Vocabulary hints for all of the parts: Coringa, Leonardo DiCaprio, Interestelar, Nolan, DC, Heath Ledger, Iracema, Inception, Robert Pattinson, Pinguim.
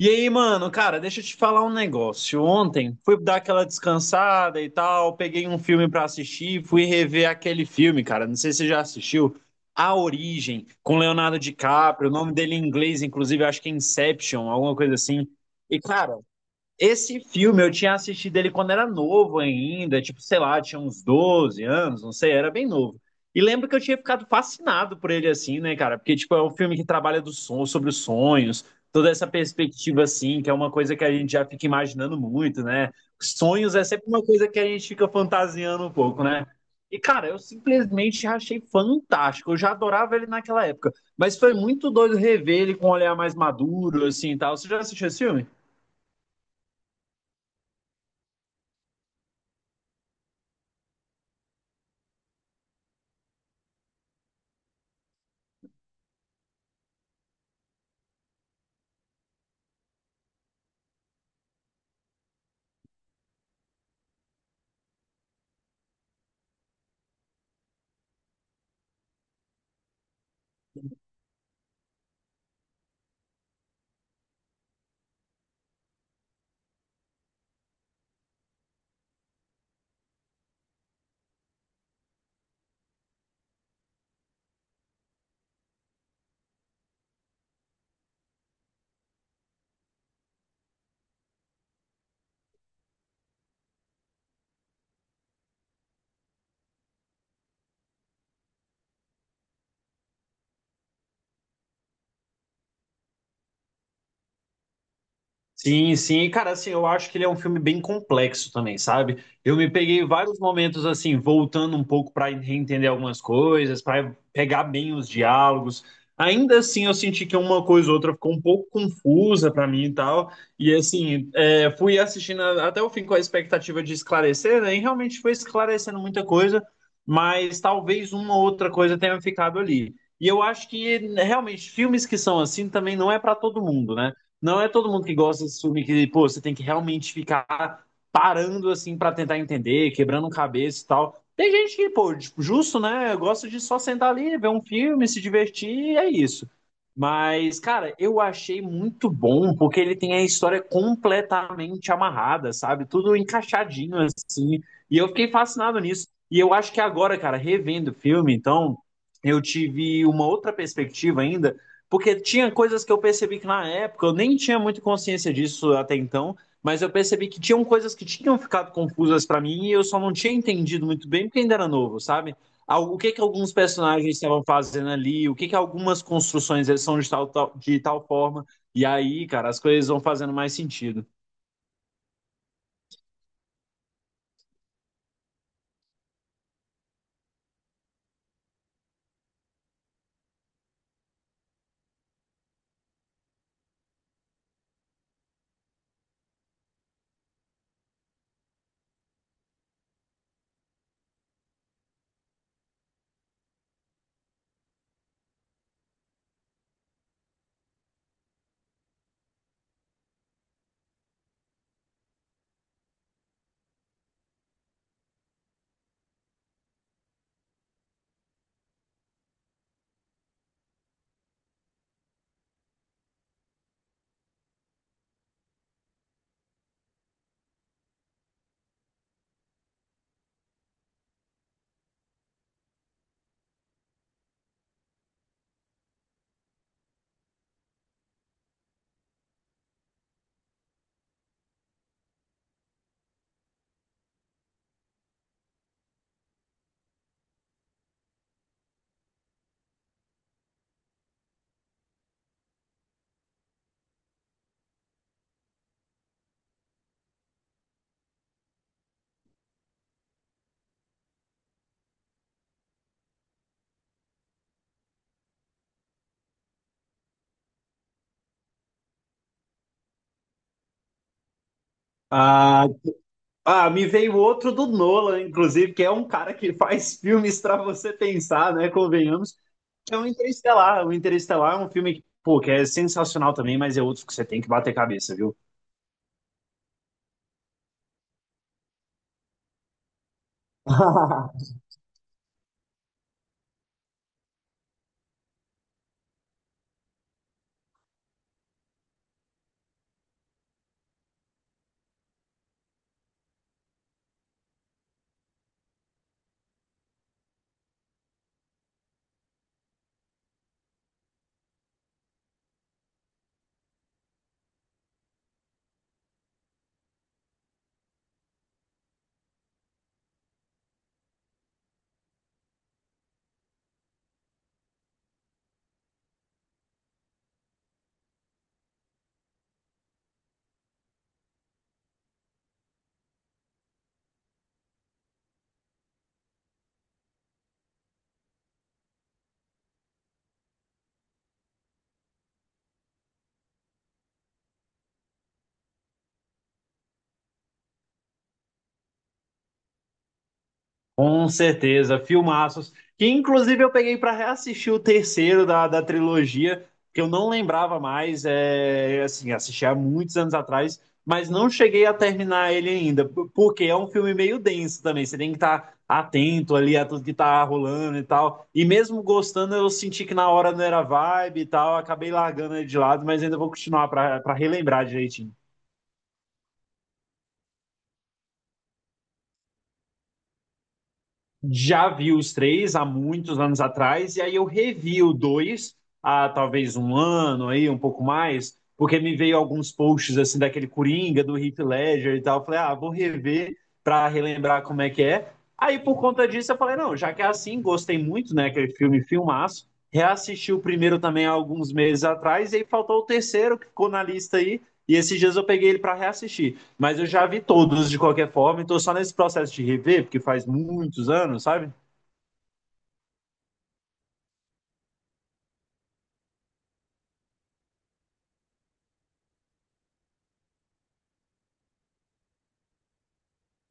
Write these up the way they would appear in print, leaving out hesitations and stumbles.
E aí, mano, cara, deixa eu te falar um negócio. Ontem fui dar aquela descansada e tal, peguei um filme pra assistir, fui rever aquele filme, cara. Não sei se você já assistiu, A Origem, com Leonardo DiCaprio. O nome dele em inglês, inclusive, acho que é Inception, alguma coisa assim. E, cara, esse filme eu tinha assistido ele quando era novo ainda, tipo, sei lá, tinha uns 12 anos, não sei, era bem novo. E lembro que eu tinha ficado fascinado por ele assim, né, cara? Porque, tipo, é um filme que trabalha sobre os sonhos, toda essa perspectiva assim, que é uma coisa que a gente já fica imaginando muito, né? Sonhos é sempre uma coisa que a gente fica fantasiando um pouco, né? E, cara, eu simplesmente achei fantástico. Eu já adorava ele naquela época. Mas foi muito doido rever ele com um olhar mais maduro, assim e tal. Você já assistiu esse filme? Sim, sim, e cara, assim, eu acho que ele é um filme bem complexo também, sabe? Eu me peguei vários momentos assim, voltando um pouco para reentender algumas coisas, para pegar bem os diálogos. Ainda assim, eu senti que uma coisa ou outra ficou um pouco confusa para mim e tal. E assim, é, fui assistindo até o fim com a expectativa de esclarecer, né? E realmente foi esclarecendo muita coisa, mas talvez uma ou outra coisa tenha ficado ali. E eu acho que realmente filmes que são assim também não é para todo mundo, né? Não é todo mundo que gosta desse filme que, pô, você tem que realmente ficar parando assim pra tentar entender, quebrando cabeça e tal. Tem gente que, pô, tipo, justo, né? Gosta de só sentar ali, ver um filme, se divertir, e é isso. Mas, cara, eu achei muito bom porque ele tem a história completamente amarrada, sabe? Tudo encaixadinho assim. E eu fiquei fascinado nisso. E eu acho que agora, cara, revendo o filme, então, eu tive uma outra perspectiva ainda porque tinha coisas que eu percebi que na época eu nem tinha muita consciência disso até então, mas eu percebi que tinham coisas que tinham ficado confusas pra mim e eu só não tinha entendido muito bem porque ainda era novo, sabe? O que que alguns personagens estavam fazendo ali, o que que algumas construções eles são de de tal forma, e aí, cara, as coisas vão fazendo mais sentido. Ah, ah, me veio outro do Nolan, inclusive, que é um cara que faz filmes pra você pensar, né? Convenhamos. É o Interestelar. O Interestelar é um filme que, pô, que é sensacional também, mas é outro que você tem que bater cabeça, viu? Com certeza, filmaços. Que inclusive eu peguei para reassistir o terceiro da trilogia, que eu não lembrava mais, é, assim, assisti há muitos anos atrás, mas não cheguei a terminar ele ainda, porque é um filme meio denso também, você tem que estar atento ali a tudo que tá rolando e tal. E mesmo gostando, eu senti que na hora não era vibe e tal, acabei largando ele de lado, mas ainda vou continuar para relembrar direitinho. Já vi os três há muitos anos atrás, e aí eu revi o dois há talvez um ano aí, um pouco mais, porque me veio alguns posts assim daquele Coringa, do Heath Ledger e tal. Eu falei, ah, vou rever para relembrar como é que é. Aí por conta disso eu falei, não, já que é assim, gostei muito, né, aquele filme filmaço. Reassisti o primeiro também há alguns meses atrás, e aí faltou o terceiro que ficou na lista aí, e esses dias eu peguei ele para reassistir. Mas eu já vi todos de qualquer forma, e tô só nesse processo de rever, porque faz muitos anos, sabe?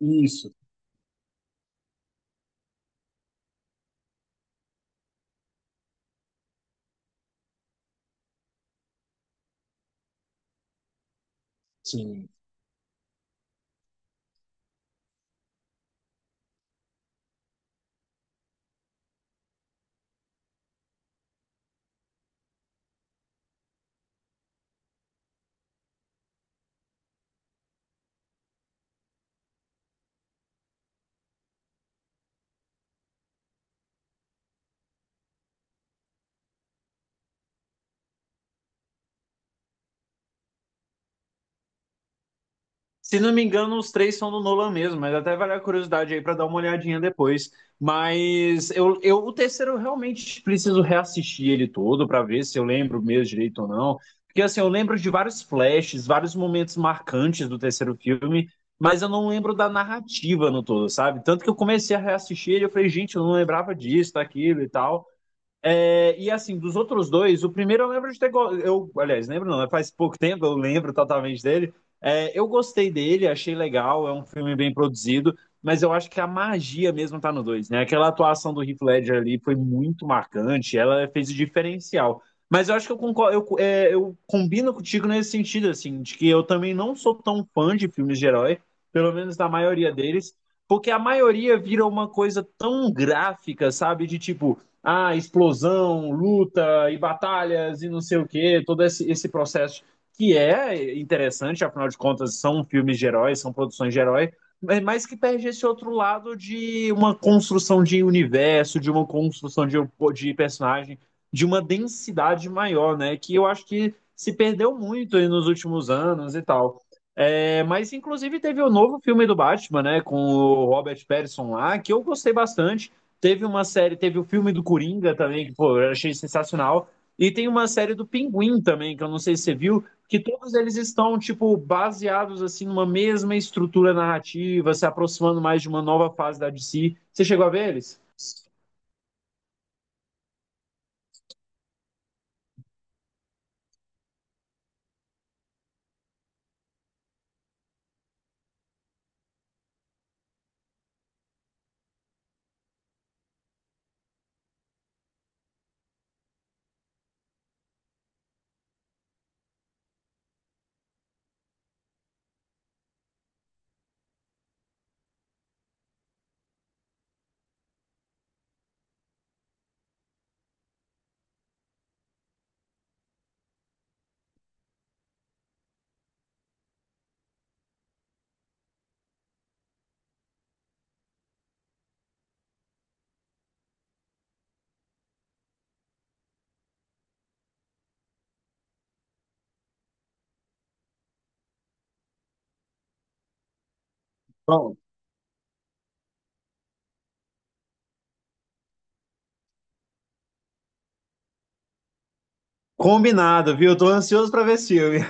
Isso, sim. Se não me engano, os três são do Nolan mesmo, mas até vale a curiosidade aí para dar uma olhadinha depois. Mas eu o terceiro eu realmente preciso reassistir ele todo para ver se eu lembro mesmo direito ou não. Porque assim, eu lembro de vários flashes, vários momentos marcantes do terceiro filme, mas eu não lembro da narrativa no todo, sabe? Tanto que eu comecei a reassistir ele, eu falei, gente, eu não lembrava disso, daquilo e tal. É, e assim, dos outros dois, o primeiro eu lembro de ter. Eu, aliás, lembro não, né? Faz pouco tempo, eu lembro totalmente dele. É, eu gostei dele, achei legal, é um filme bem produzido, mas eu acho que a magia mesmo tá no dois, né? Aquela atuação do Heath Ledger ali foi muito marcante, ela fez o diferencial. Mas eu acho que eu, concordo, eu combino contigo nesse sentido, assim, de que eu também não sou tão fã de filmes de herói, pelo menos da maioria deles, porque a maioria vira uma coisa tão gráfica, sabe? De tipo ah, explosão, luta e batalhas e não sei o quê, todo esse processo que é interessante, afinal de contas, são filmes de heróis, são produções de herói, mas que perde esse outro lado de uma construção de universo, de uma construção de personagem, de uma densidade maior, né? Que eu acho que se perdeu muito aí nos últimos anos e tal. É, mas, inclusive, teve o novo filme do Batman, né? Com o Robert Pattinson lá, que eu gostei bastante. Teve uma série, teve o filme do Coringa também, que pô, eu achei sensacional. E tem uma série do Pinguim também, que eu não sei se você viu, que todos eles estão, tipo, baseados, assim, numa mesma estrutura narrativa, se aproximando mais de uma nova fase da DC. Você chegou a ver eles? Bom, combinado, viu? Tô ansioso pra ver esse filme.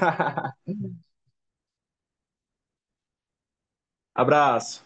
Abraço.